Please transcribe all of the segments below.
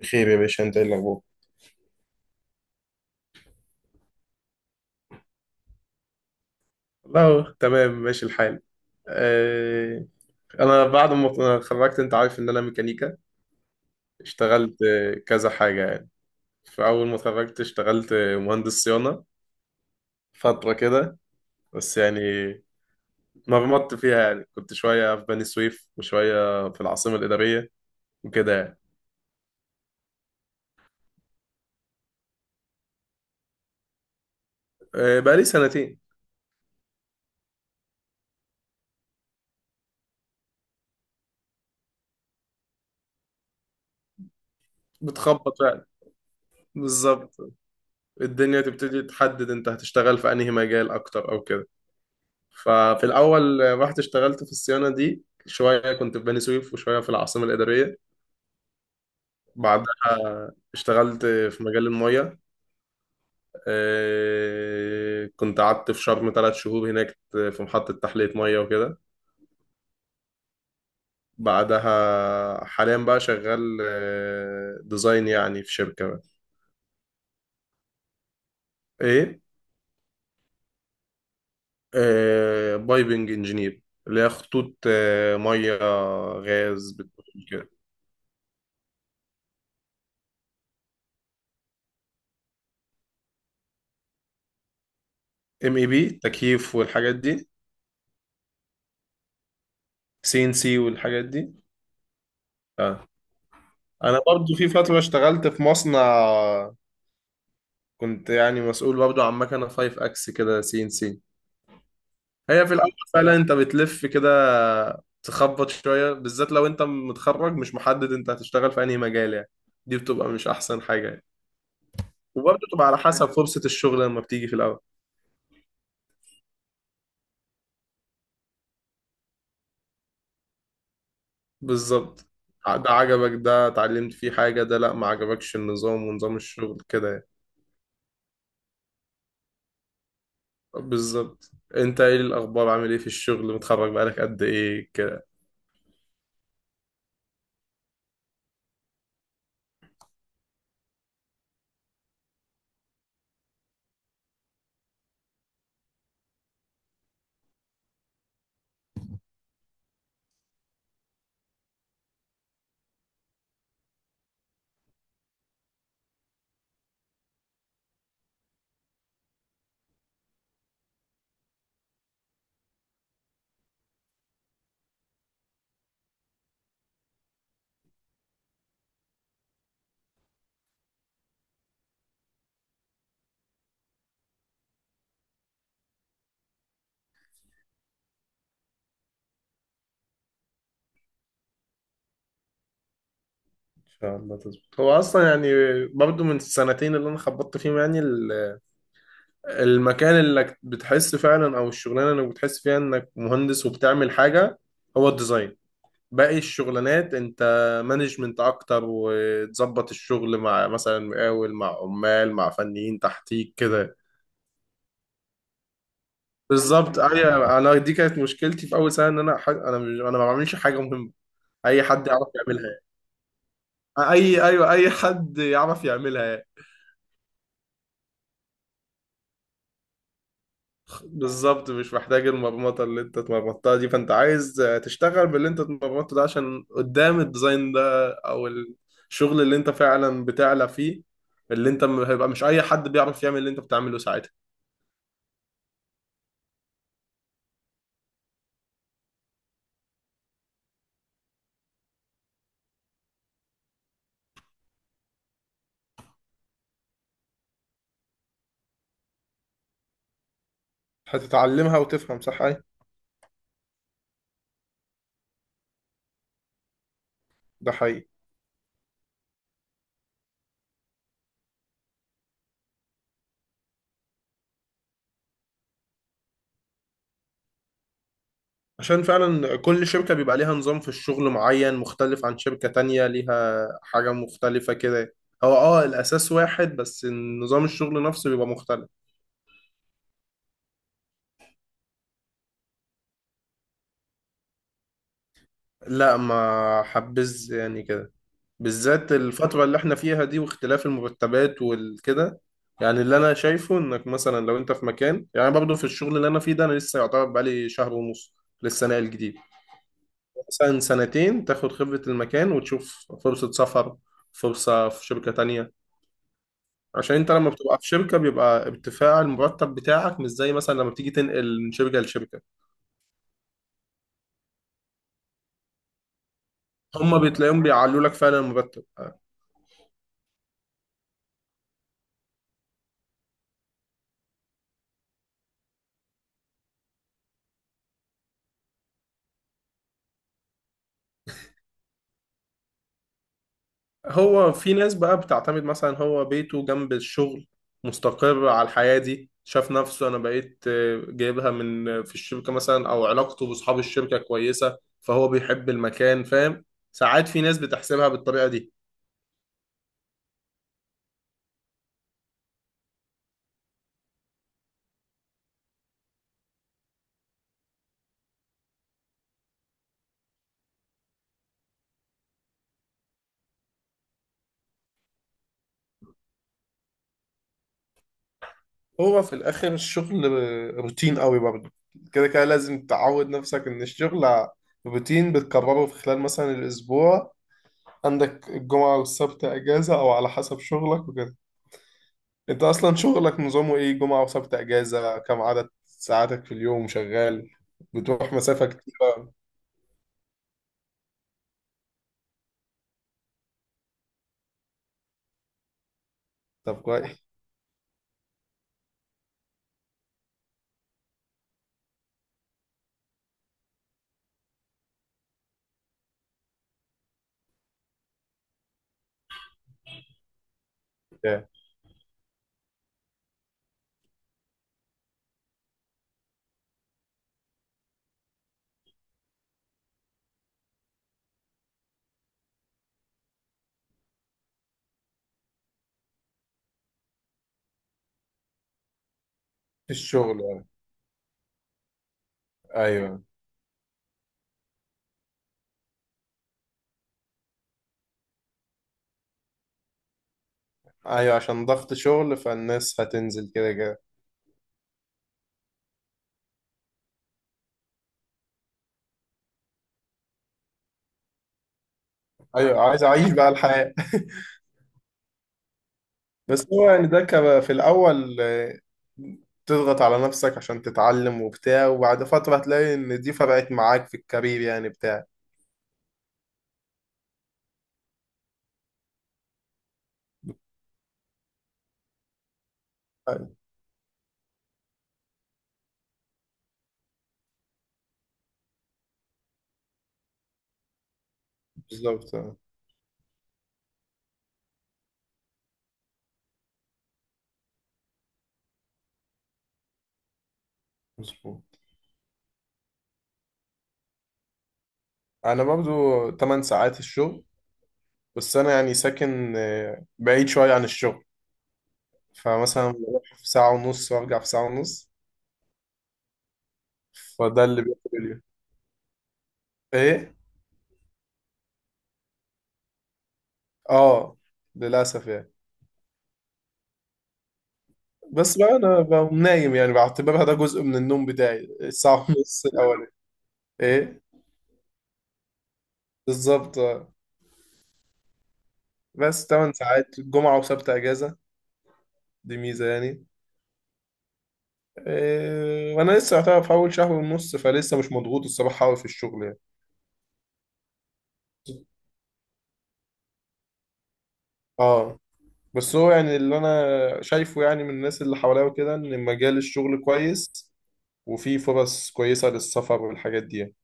بخير يا باشا، انت ايه الاخبار؟ والله تمام ماشي الحال. آه، انا بعد ما اتخرجت انت عارف ان انا ميكانيكا. اشتغلت كذا حاجة يعني. فاول ما اتخرجت اشتغلت مهندس صيانة فترة كده، بس يعني مرمطت فيها، يعني كنت شوية في بني سويف وشوية في العاصمة الإدارية وكده يعني. بقالي سنتين بتخبط يعني بالظبط. الدنيا تبتدي تحدد انت هتشتغل في انهي مجال اكتر او كده. ففي الأول رحت اشتغلت في الصيانة دي شوية، كنت في بني سويف وشوية في العاصمة الإدارية. بعدها اشتغلت في مجال المية. اه، كنت قعدت في شرم 3 شهور هناك في محطة تحلية مية وكده. بعدها حاليا بقى شغال ديزاين يعني في شركة بقى. ايه، اه، بايبنج انجينير، اللي هي خطوط مية غاز بتقول كده. ام اي بي تكييف والحاجات دي. سي ان سي والحاجات دي. اه، انا برضو في فترة اشتغلت في مصنع، كنت يعني مسؤول برضو عن مكنة 5 اكس كده سي ان سي. هي في الاول فعلا انت بتلف كده، تخبط شوية، بالذات لو انت متخرج مش محدد انت هتشتغل في انهي مجال يعني. دي بتبقى مش احسن حاجة يعني. وبرضو تبقى على حسب فرصة الشغل لما بتيجي في الاول. بالظبط. ده عجبك، ده اتعلمت فيه حاجة، ده لا ما عجبكش النظام ونظام الشغل كده يعني. بالظبط. انت ايه الاخبار، عامل ايه في الشغل، متخرج بقالك قد ايه؟ ان شاء الله تظبط. هو اصلا يعني برضو من السنتين اللي انا خبطت فيهم يعني، المكان اللي بتحس فعلا او الشغلانه اللي بتحس فيها انك مهندس وبتعمل حاجه، هو الديزاين. باقي الشغلانات انت مانجمنت اكتر، وتظبط الشغل مع مثلا مقاول مع عمال مع فنيين تحتيك كده. بالظبط ايوه. انا دي كانت مشكلتي في اول سنه ان انا ح- انا مش انا ما بعملش حاجه مهمه. اي حد يعرف يعملها. اي ايوه، اي حد يعرف يعملها. بالظبط، مش محتاج المرمطة اللي انت اتمرمطتها دي. فانت عايز تشتغل باللي انت اتمرمطته ده، عشان قدام الديزاين ده او الشغل اللي انت فعلا بتعلى فيه، هيبقى مش اي حد بيعرف يعمل اللي انت بتعمله ساعتها. هتتعلمها وتفهم صح. ايه، ده حقيقي. عشان فعلا كل شركة بيبقى ليها نظام في الشغل معين مختلف عن شركة تانية ليها حاجة مختلفة كده. هو اه الاساس واحد، بس نظام الشغل نفسه بيبقى مختلف. لا ما حبذ يعني كده، بالذات الفترة اللي احنا فيها دي واختلاف المرتبات والكده. يعني اللي انا شايفه انك مثلا لو انت في مكان، يعني برضه في الشغل اللي انا فيه ده انا لسه يعتبر بقالي شهر ونص، لسه ناقل جديد. مثلا سنتين تاخد خبرة المكان وتشوف فرصة سفر، فرصة في شركة تانية. عشان انت لما بتبقى في شركة بيبقى ارتفاع المرتب بتاعك مش زي مثلا لما بتيجي تنقل من شركة لشركة. هما بتلاقيهم بيعلوا لك فعلا المرتب. هو في ناس بقى بتعتمد، مثلا هو بيته جنب الشغل، مستقر على الحياة دي، شاف نفسه انا بقيت جايبها من في الشركة مثلا، او علاقته باصحاب الشركة كويسة فهو بيحب المكان فاهم. ساعات في ناس بتحسبها بالطريقة دي. هو في الاخر الشغل روتين قوي برضه. كده كده لازم تعود نفسك ان الشغل روتين بتكرره في خلال مثلا الاسبوع، عندك الجمعة والسبت اجازة او على حسب شغلك وكده. انت اصلا شغلك نظامه ايه، جمعة وسبت اجازة؟ كم عدد ساعاتك في اليوم شغال؟ بتروح مسافة كتيرة؟ طب كويس. Yeah. في الشغل يعني. ايوه. ايوه، عشان ضغط شغل فالناس هتنزل كده كده. ايوه عايز اعيش بقى الحياة. بس هو يعني ده كان في الاول، تضغط على نفسك عشان تتعلم وبتاع، وبعد فترة هتلاقي ان دي فرقت معاك في الكارير يعني بتاع. أيوة، بالظبط مظبوط. انا برضو 8 ساعات الشغل. بس انا يعني ساكن بعيد شويه عن الشغل. فمثلا بروح في ساعه ونص وارجع في ساعه ونص. فده اللي بياكل اليوم. ايه اه، للاسف يعني. بس بقى انا بقوم نايم يعني، بعتبرها ده جزء من النوم بتاعي الساعه ونص الاولانيه. ايه، بالظبط آه. بس 8 ساعات جمعه وسبت اجازه، دي ميزه يعني. إيه، وانا لسه يعتبر في اول شهر ونص، فلسه مش مضغوط الصراحه قوي في الشغل يعني. اه، بس هو يعني اللي انا شايفه يعني من الناس اللي حواليا وكده ان مجال الشغل كويس، وفي فرص كويسة للسفر والحاجات دي يعني.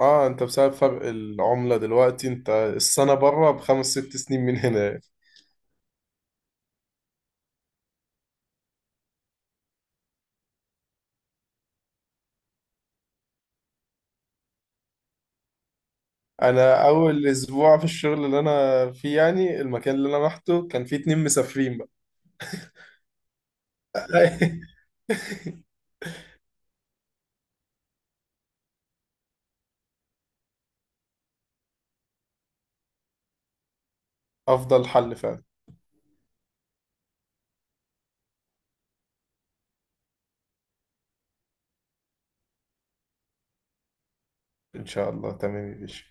اه انت بسبب فرق العملة دلوقتي، انت السنة بره بخمس ست سنين من هنا يعني. انا اول اسبوع في الشغل اللي انا فيه، يعني المكان اللي انا رحته كان فيه اتنين مسافرين بقى. افضل حل فعلا. ان شاء الله، تمام يا باشا.